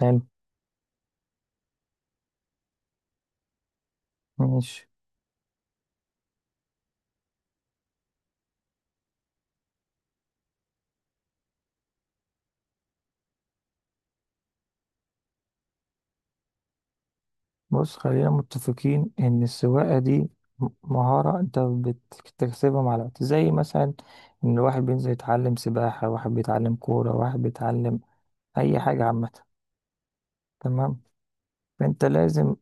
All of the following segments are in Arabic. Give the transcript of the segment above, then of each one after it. حلو. ماشي. بص، خلينا متفقين ان السواقة دي مهارة انت بتكتسبها مع الوقت، زي مثلا ان واحد بينزل يتعلم سباحة، واحد بيتعلم كورة، واحد بيتعلم اي حاجة عامة. تمام. فانت لازم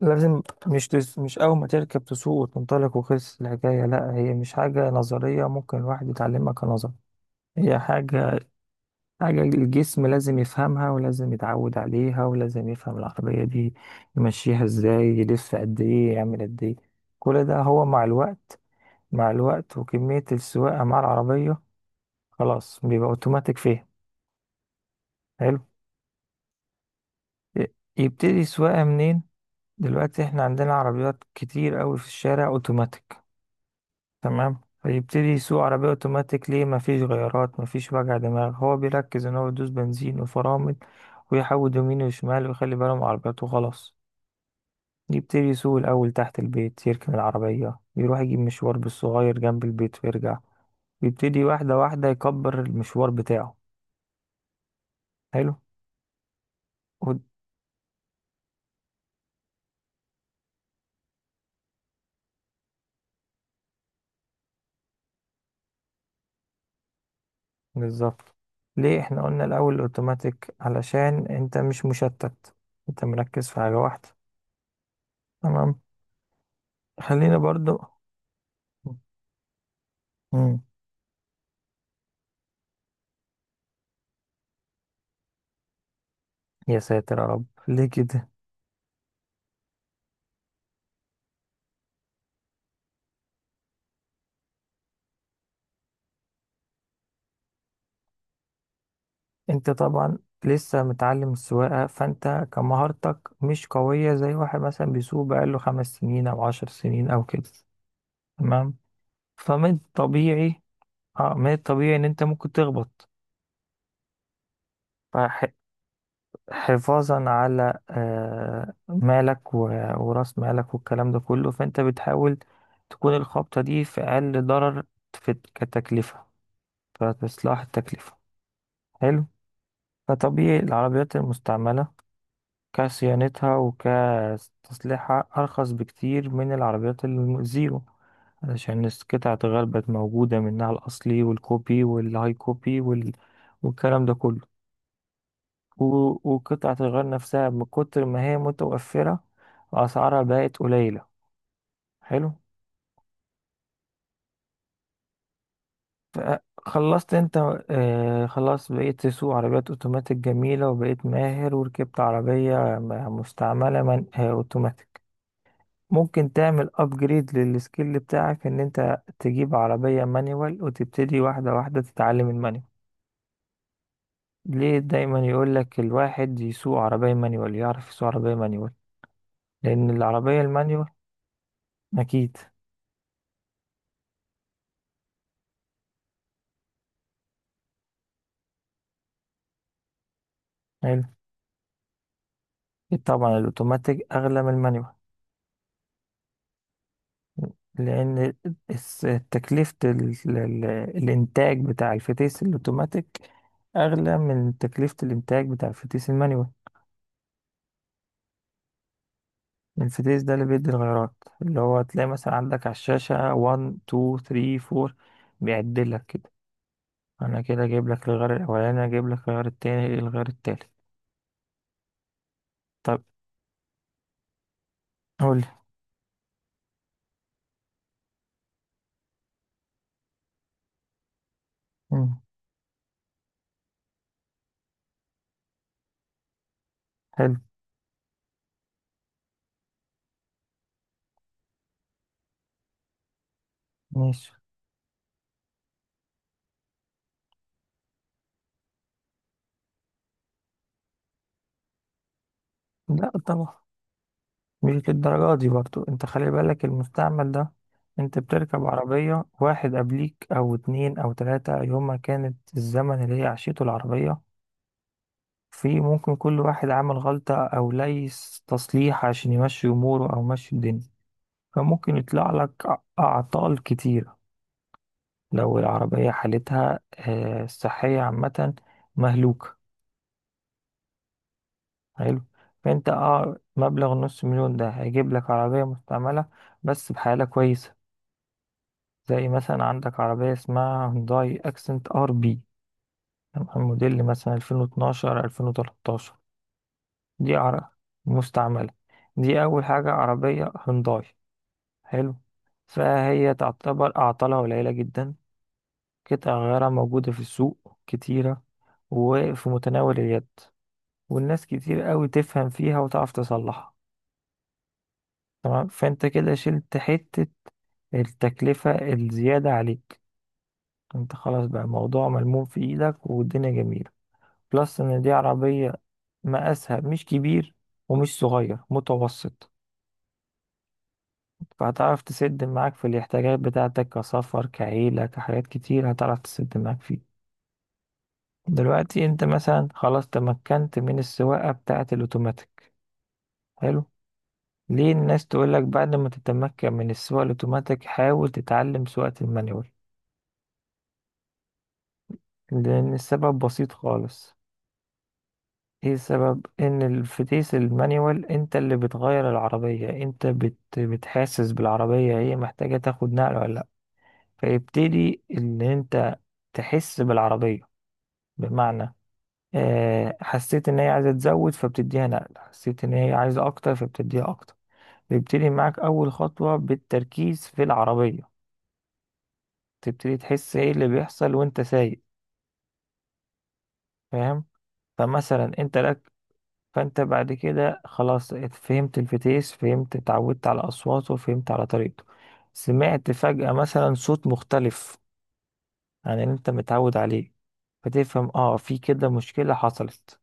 لازم مش اول ما تركب تسوق وتنطلق وخلص الحكاية. لا، هي مش حاجة نظرية ممكن الواحد يتعلمها كنظر، هي حاجة الجسم لازم يفهمها، ولازم يتعود عليها، ولازم يفهم العربية دي يمشيها ازاي، يلف قد ايه، يعمل قد ايه. كل ده هو مع الوقت، مع الوقت وكمية السواقة مع العربية. خلاص بيبقى اوتوماتيك فيها. حلو. ي- يبتدي السواقة منين؟ دلوقتي احنا عندنا عربيات كتير قوي في الشارع اوتوماتيك، تمام؟ فيبتدي يسوق عربية اوتوماتيك. ليه؟ مفيش غيارات، مفيش وجع دماغ، هو بيركز ان هو يدوس بنزين وفرامل ويحود يمين وشمال ويخلي باله من عربيته وخلاص. يبتدي يسوق الأول تحت البيت، يركن العربية، يروح يجيب مشوار بالصغير جنب البيت ويرجع. يبتدي واحدة واحدة يكبر المشوار بتاعه. حلو. ود- بالظبط. ليه احنا قلنا الأول الأوتوماتيك؟ علشان انت مش مشتت، انت مركز في حاجة واحدة. تمام. خلينا برضو. مم. يا ساتر يا رب، ليه كده؟ انت طبعا لسه متعلم السواقة، فانت كمهارتك مش قوية زي واحد مثلا بيسوق بقاله خمس سنين او 10 سنين او كده. تمام. فمن الطبيعي، اه، من الطبيعي ان انت ممكن تخبط. فحفاظا على مالك وراس مالك والكلام ده كله، فانت بتحاول تكون الخبطة دي في اقل ضرر، في كتكلفة، فتصلح التكلفة. حلو. فطبيعي العربيات المستعملة كصيانتها وكتصليحها أرخص بكتير من العربيات الزيرو، علشان قطع الغيار بقت موجودة، منها الأصلي والكوبي والهاي كوبي والكلام ده كله. و... وقطعة الغيار نفسها من كتر ما هي متوفرة، أسعارها بقت قليلة. حلو. ف- خلصت انت؟ آه، خلاص بقيت تسوق عربيات اوتوماتيك جميلة، وبقيت ماهر وركبت عربية مستعملة من اوتوماتيك. ممكن تعمل ابجريد للسكيل بتاعك، ان انت تجيب عربية مانيوال وتبتدي واحدة واحدة تتعلم المانيوال. ليه دايما يقولك الواحد يسوق عربية مانيوال يعرف يسوق عربية مانيوال؟ لان العربية المانيوال، اكيد. حلو. طبعا الاوتوماتيك اغلى من المانيوال، لان تكلفة ال- الانتاج بتاع الفتيس الاوتوماتيك اغلى من تكلفة الانتاج بتاع الفتيس المانيوال. الانفتيز ده اللي بيدي الغيارات، اللي هو تلاقي مثلا عندك على الشاشة 1 2 3 4، بيعدل لك كده. انا كده جايب لك الغيار الاولاني، جايب لك الغيار التاني، الغيار التالت. طب قول لي. مم. حلو. ماشي. لا طبعا، مش للدرجة دي. برضو انت خلي بالك، المستعمل ده انت بتركب عربية واحد قبليك او اتنين او تلاتة، يوم ما كانت الزمن اللي هي عشيته العربية، في ممكن كل واحد عمل غلطة او ليس تصليح عشان يمشي اموره او يمشي الدنيا. فممكن يطلع لك أعطال كتيرة لو العربية حالتها، الصحية عامة، مهلوكة. حلو. فأنت، اه، مبلغ نص مليون ده هيجيب لك عربية مستعملة بس بحالة كويسة. زي مثلا عندك عربية اسمها هونداي أكسنت ار بي، تمام؟ موديل مثلا 2012، 2013. دي عربية مستعملة. دي أول حاجة، عربية هونداي. حلو. فهي تعتبر أعطالها قليلة جدا، قطع غيارها موجودة في السوق كتيرة، وفي متناول اليد، والناس كتير قوي تفهم فيها وتعرف تصلحها. تمام. فانت كده شلت حتة التكلفة الزيادة عليك. انت خلاص بقى الموضوع ملموم في ايدك، والدنيا جميلة. بلس ان دي عربية مقاسها مش كبير ومش صغير، متوسط. فهتعرف تسد معاك في الاحتياجات بتاعتك، كسفر، كعيلة، كحاجات كتير هتعرف تسد معاك فيها. دلوقتي انت مثلا خلاص تمكنت من السواقة بتاعة الاوتوماتيك. حلو. ليه الناس تقولك بعد ما تتمكن من السواقة الاوتوماتيك حاول تتعلم سواقة المانيوال؟ لان السبب بسيط خالص. ايه السبب؟ ان الفتيس المانيوال انت اللي بتغير العربية، انت بتحسس بالعربية هي محتاجة تاخد نقل ولا لا. فيبتدي ان انت تحس بالعربية، بمعنى حسيت ان هي عايزة تزود فبتديها نقل، حسيت ان هي عايزة اكتر فبتديها اكتر. تبتدي معاك أول خطوة بالتركيز في العربية، تبتدي تحس إيه اللي بيحصل وأنت سايق. فاهم؟ فمثلا أنت لك، فأنت بعد كده خلاص فهمت الفتيس، فهمت اتعودت على أصواته، فهمت على طريقته. سمعت فجأة مثلا صوت مختلف عن اللي أنت متعود عليه، فتفهم اه في كده مشكلة حصلت.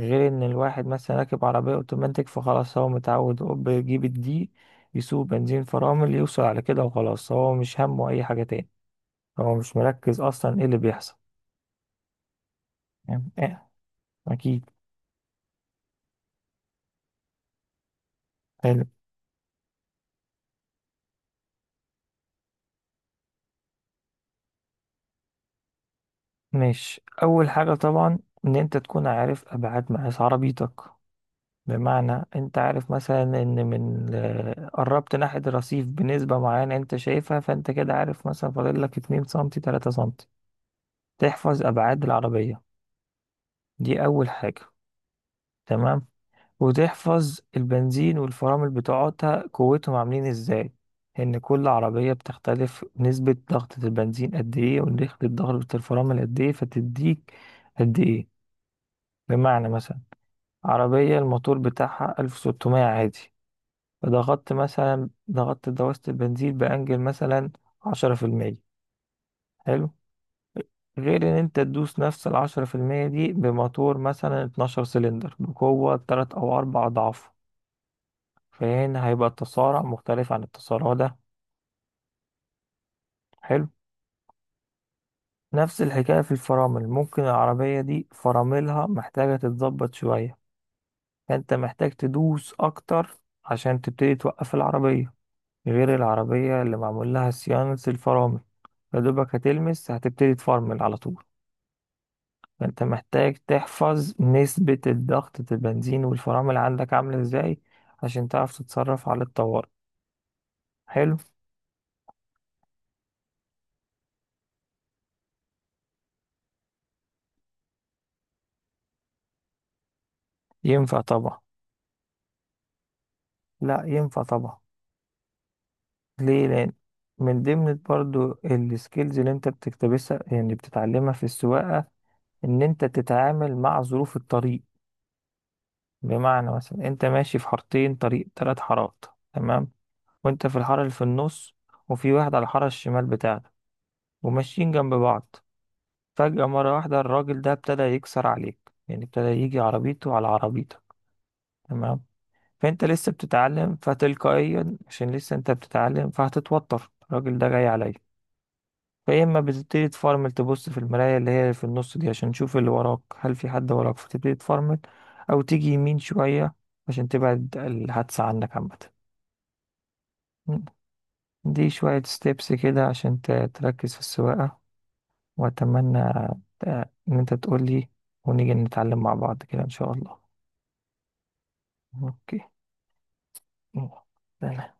غير ان الواحد مثلا راكب عربية اوتوماتيك، فخلاص هو متعود، هو بيجيب الدي، يسوق بنزين فرامل، يوصل على كده وخلاص. هو مش همه اي حاجة تاني، هو مش مركز اصلا ايه اللي بيحصل. يعني إيه؟ اكيد. حلو. ماشي. اول حاجه طبعا ان انت تكون عارف ابعاد مقاس عربيتك. بمعنى انت عارف مثلا ان من، قربت ناحيه الرصيف بنسبه معينه انت شايفها، فانت كده عارف مثلا فاضل لك 2 سم 3 سم. تحفظ ابعاد العربيه، دي اول حاجه. تمام. وتحفظ البنزين والفرامل بتوعتها قوتهم عاملين ازاي، ان كل عربية بتختلف نسبة ضغطة البنزين قد ايه ونسبة ضغطة الفرامل قد ايه، فتديك قد ايه. بمعنى مثلا عربية الموتور بتاعها 1600 عادي، فضغطت مثلا، ضغطت دواسة البنزين بأنجل مثلا 10%. حلو. غير ان انت تدوس نفس العشرة في المية دي بموتور مثلا 12 سلندر بقوة تلات او اربع اضعاف، فهنا هيبقى التصارع مختلف عن التصارع ده. حلو. نفس الحكاية في الفرامل، ممكن العربية دي فراملها محتاجة تتظبط شوية، فأنت محتاج تدوس أكتر عشان تبتدي توقف العربية. غير العربية اللي معمول لها صيانة الفرامل، فدوبك هتلمس هتبتدي تفرمل على طول. فأنت محتاج تحفظ نسبة الضغط البنزين والفرامل عندك عاملة ازاي، عشان تعرف تتصرف على الطوارئ. حلو. ينفع طبعا. لا ينفع طبعا. ليه؟ لان من ضمن برضو السكيلز اللي انت بتكتبسها، يعني بتتعلمها في السواقه، ان انت تتعامل مع ظروف الطريق. بمعنى مثلا انت ماشي في حارتين، طريق 3 حارات، تمام؟ وانت في الحاره اللي في النص، وفي واحد على الحاره الشمال بتاعتك وماشيين جنب بعض. فجاه مره واحده الراجل ده ابتدى يكسر عليك، يعني ابتدى يجي عربيته على عربيتك، تمام؟ فانت لسه بتتعلم، فتلقائيا عشان لسه انت بتتعلم فهتتوتر، الراجل ده جاي عليا. فيا اما بتبتدي تفرمل، تبص في المراية اللي هي في النص دي عشان تشوف اللي وراك، هل في حد وراك، فتبتدي تفرمل، او تيجي يمين شوية عشان تبعد الحادثة عنك عامة. دي شوية ستيبس كده عشان تركز في السواقة. وأتمنى، ت- إن أنت تقولي، ونيجي نتعلم مع بعض كده إن شاء الله. أوكي. يلا.